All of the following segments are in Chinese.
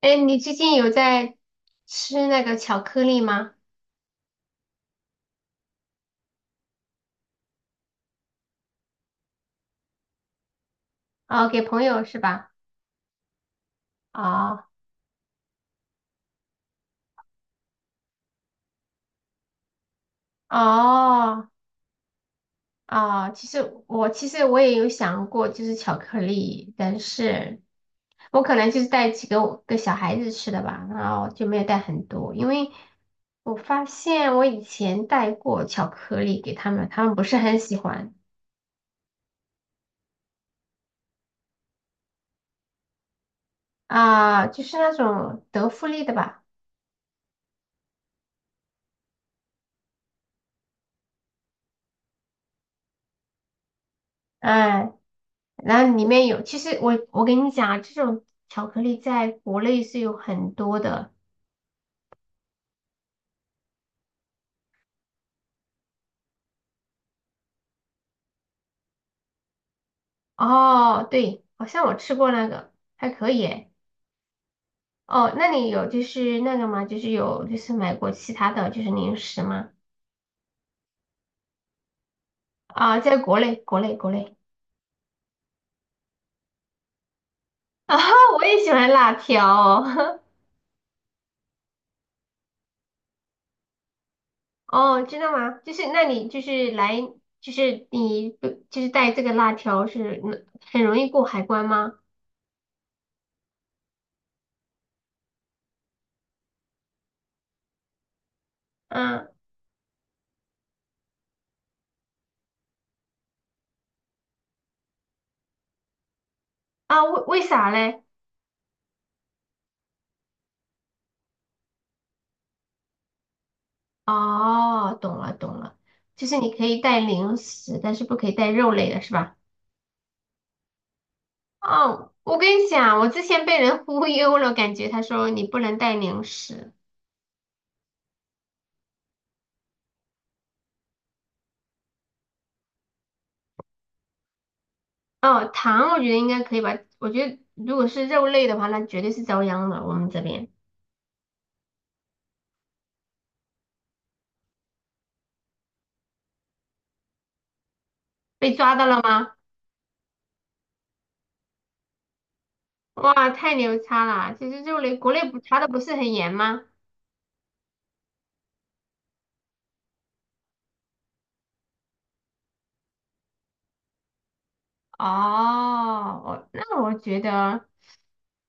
哎，你最近有在吃那个巧克力吗？哦，给朋友是吧？哦哦哦，其实我其实我也有想过，就是巧克力，但是我可能就是带几个我给小孩子吃的吧，然后就没有带很多，因为我发现我以前带过巧克力给他们，他们不是很喜欢。啊，就是那种德芙类的吧。哎。然后里面有，其实我跟你讲啊，这种巧克力在国内是有很多的。哦，对，好像我吃过那个，还可以诶。哦，那你有就是那个吗？就是有就是买过其他的就是零食吗？啊，在国内，国内，国内。啊，我也喜欢辣条。哦。知道吗？就是那你就是来就是你就是带这个辣条是很容易过海关吗？嗯。啊，为为啥嘞？哦，懂了懂了，就是你可以带零食，但是不可以带肉类的是吧？哦，我跟你讲，我之前被人 忽悠了，感觉他说你不能带零食。哦，糖我觉得应该可以吧，我觉得如果是肉类的话，那绝对是遭殃了。我们这边被抓到了吗？哇，太牛叉了！其实肉类国内不查的不是很严吗？哦，我那我觉得，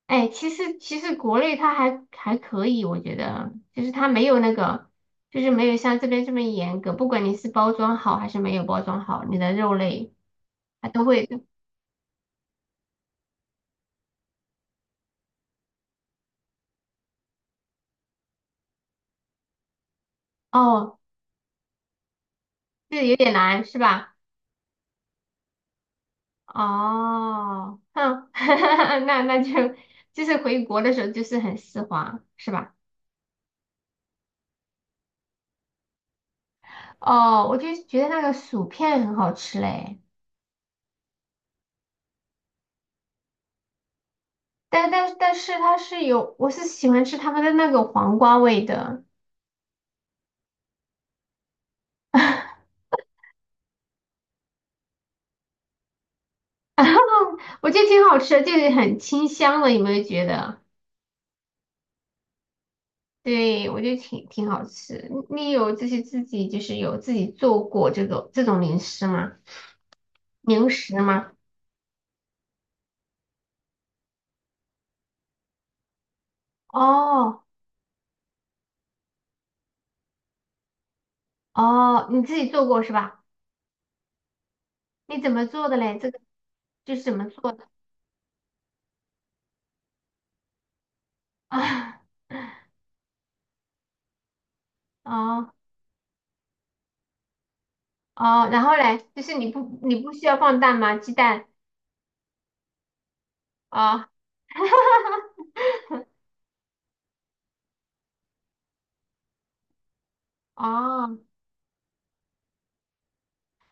哎，其实国内它还可以，我觉得就是它没有那个，就是没有像这边这么严格，不管你是包装好还是没有包装好，你的肉类它都会。哦，这有点难是吧？哦，哼，那那就就是回国的时候就是很丝滑是吧？哦，我就觉得那个薯片很好吃嘞。但是它是有，我是喜欢吃他们的那个黄瓜味的。我觉得挺好吃的，就是很清香的，有没有觉得？对，我觉得挺好吃。你你有就是自己就是有自己做过这种零食吗？零食吗？哦。哦，你自己做过是吧？你怎么做的嘞？这个就是怎么做的啊？哦。哦，然后嘞，就是你不你不需要放蛋吗？鸡蛋？啊。哦。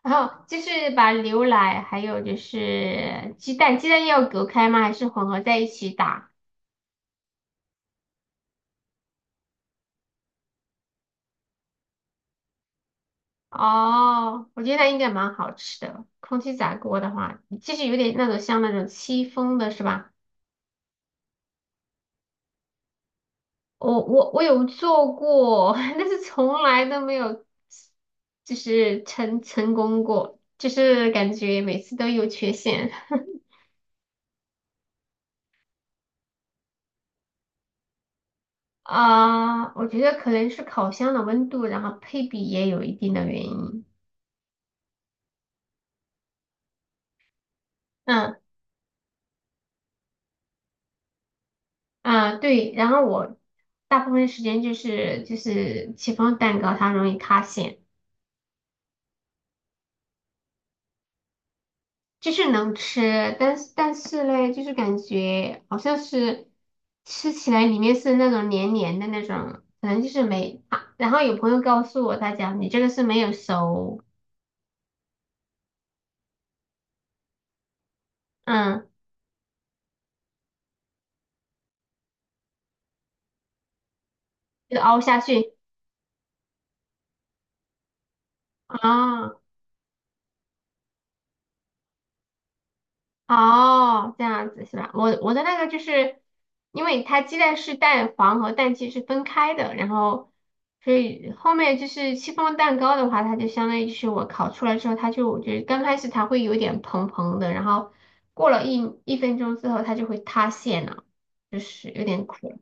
然后就是把牛奶还有就是鸡蛋，鸡蛋要隔开吗？还是混合在一起打？哦，我觉得那应该蛮好吃的。空气炸锅的话，就是有点那种像那种戚风的是吧？我有做过，但是从来都没有就是功过，就是感觉每次都有缺陷。啊，我觉得可能是烤箱的温度，然后配比也有一定的原因。嗯。啊，对，然后我大部分时间就是戚风蛋糕，它容易塌陷，就是能吃，但是但是嘞，就是感觉好像是吃起来里面是那种黏黏的那种，可能就是没啊。然后有朋友告诉我，他讲你这个是没有熟。嗯，就凹下去啊。哦，这样子是吧？我我的那个就是，因为它鸡蛋是蛋黄和蛋清是分开的，然后所以后面就是戚风蛋糕的话，它就相当于就是我烤出来之后，它就就觉得刚开始它会有点蓬蓬的，然后过了一分钟之后，它就会塌陷了，就是有点苦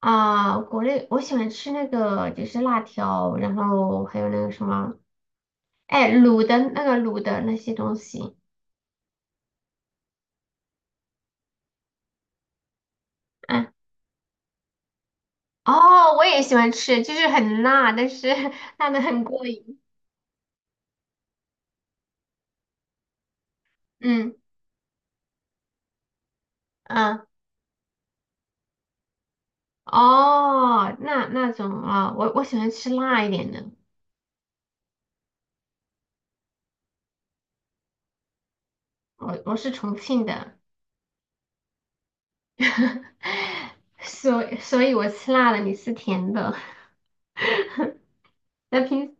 啊。国内我喜欢吃那个就是辣条，然后还有那个什么，哎，卤的那个卤的那些东西。嗯。哦，我也喜欢吃，就是很辣，但是 辣的很过瘾。嗯嗯。哦，那那种啊、我我喜欢吃辣一点的。我我是重庆的。所以所以我吃辣的，你吃甜的。那平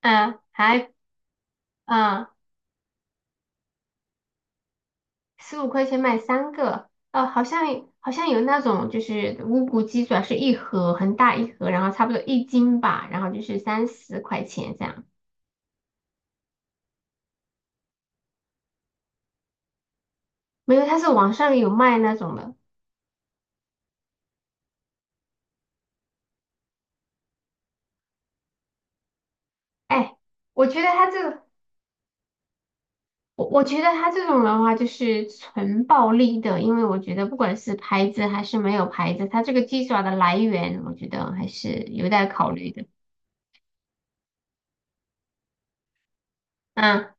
嗯还嗯十五块钱买三个，哦，好像好像有那种就是无骨鸡爪是一盒很大一盒，然后差不多一斤吧，然后就是三十块钱这样。没有，它是网上有卖那种的。哎，我觉得他这个，我我觉得他这种的话就是纯暴力的，因为我觉得不管是牌子还是没有牌子，他这个鸡爪的来源，我觉得还是有待考虑的。嗯。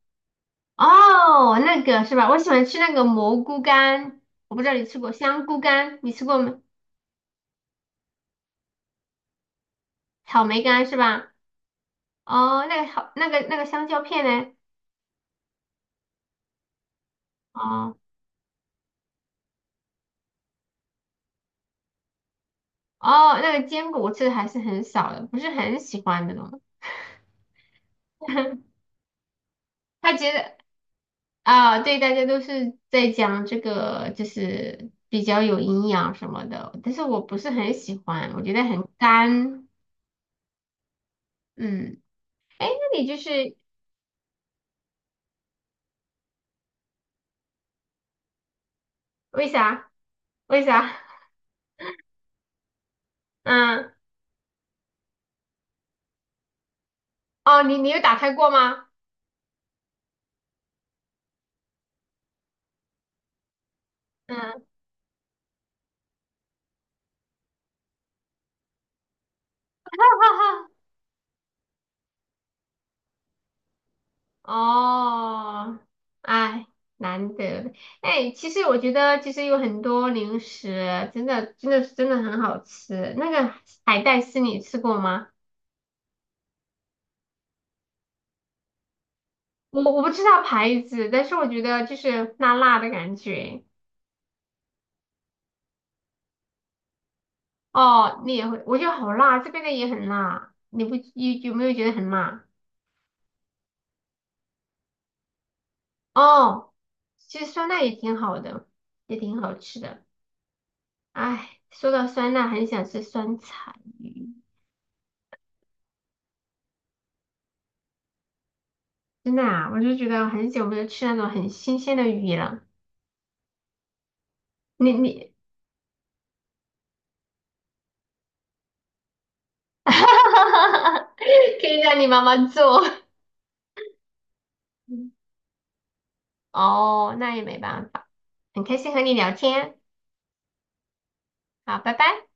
哦，那个是吧？我喜欢吃那个蘑菇干，我不知道你吃过香菇干，你吃过没？草莓干是吧？哦，那个好，那个那个香蕉片呢？哦。哦，那个坚果我吃的还是很少的，不是很喜欢那种。他觉得。啊，对，大家都是在讲这个，就是比较有营养什么的，但是我不是很喜欢，我觉得很干。嗯，哎，那你就是为啥？为啥？嗯，哦，你你有打开过吗？嗯，哈哈。哦，哎，难得的。哎，其实我觉得其实有很多零食，真的真的很好吃。那个海带丝你吃过吗？我我不知道牌子，但是我觉得就是辣辣的感觉。哦，你也会，我觉得好辣，这边的也很辣。你不有有没有觉得很辣？哦，其实酸辣也挺好的，也挺好吃的。哎，说到酸辣，很想吃酸菜鱼。真的啊，我就觉得很久没有吃那种很新鲜的鱼了。你你，可以让你妈妈做。哦，那也没办法。很开心和你聊天，好，拜拜。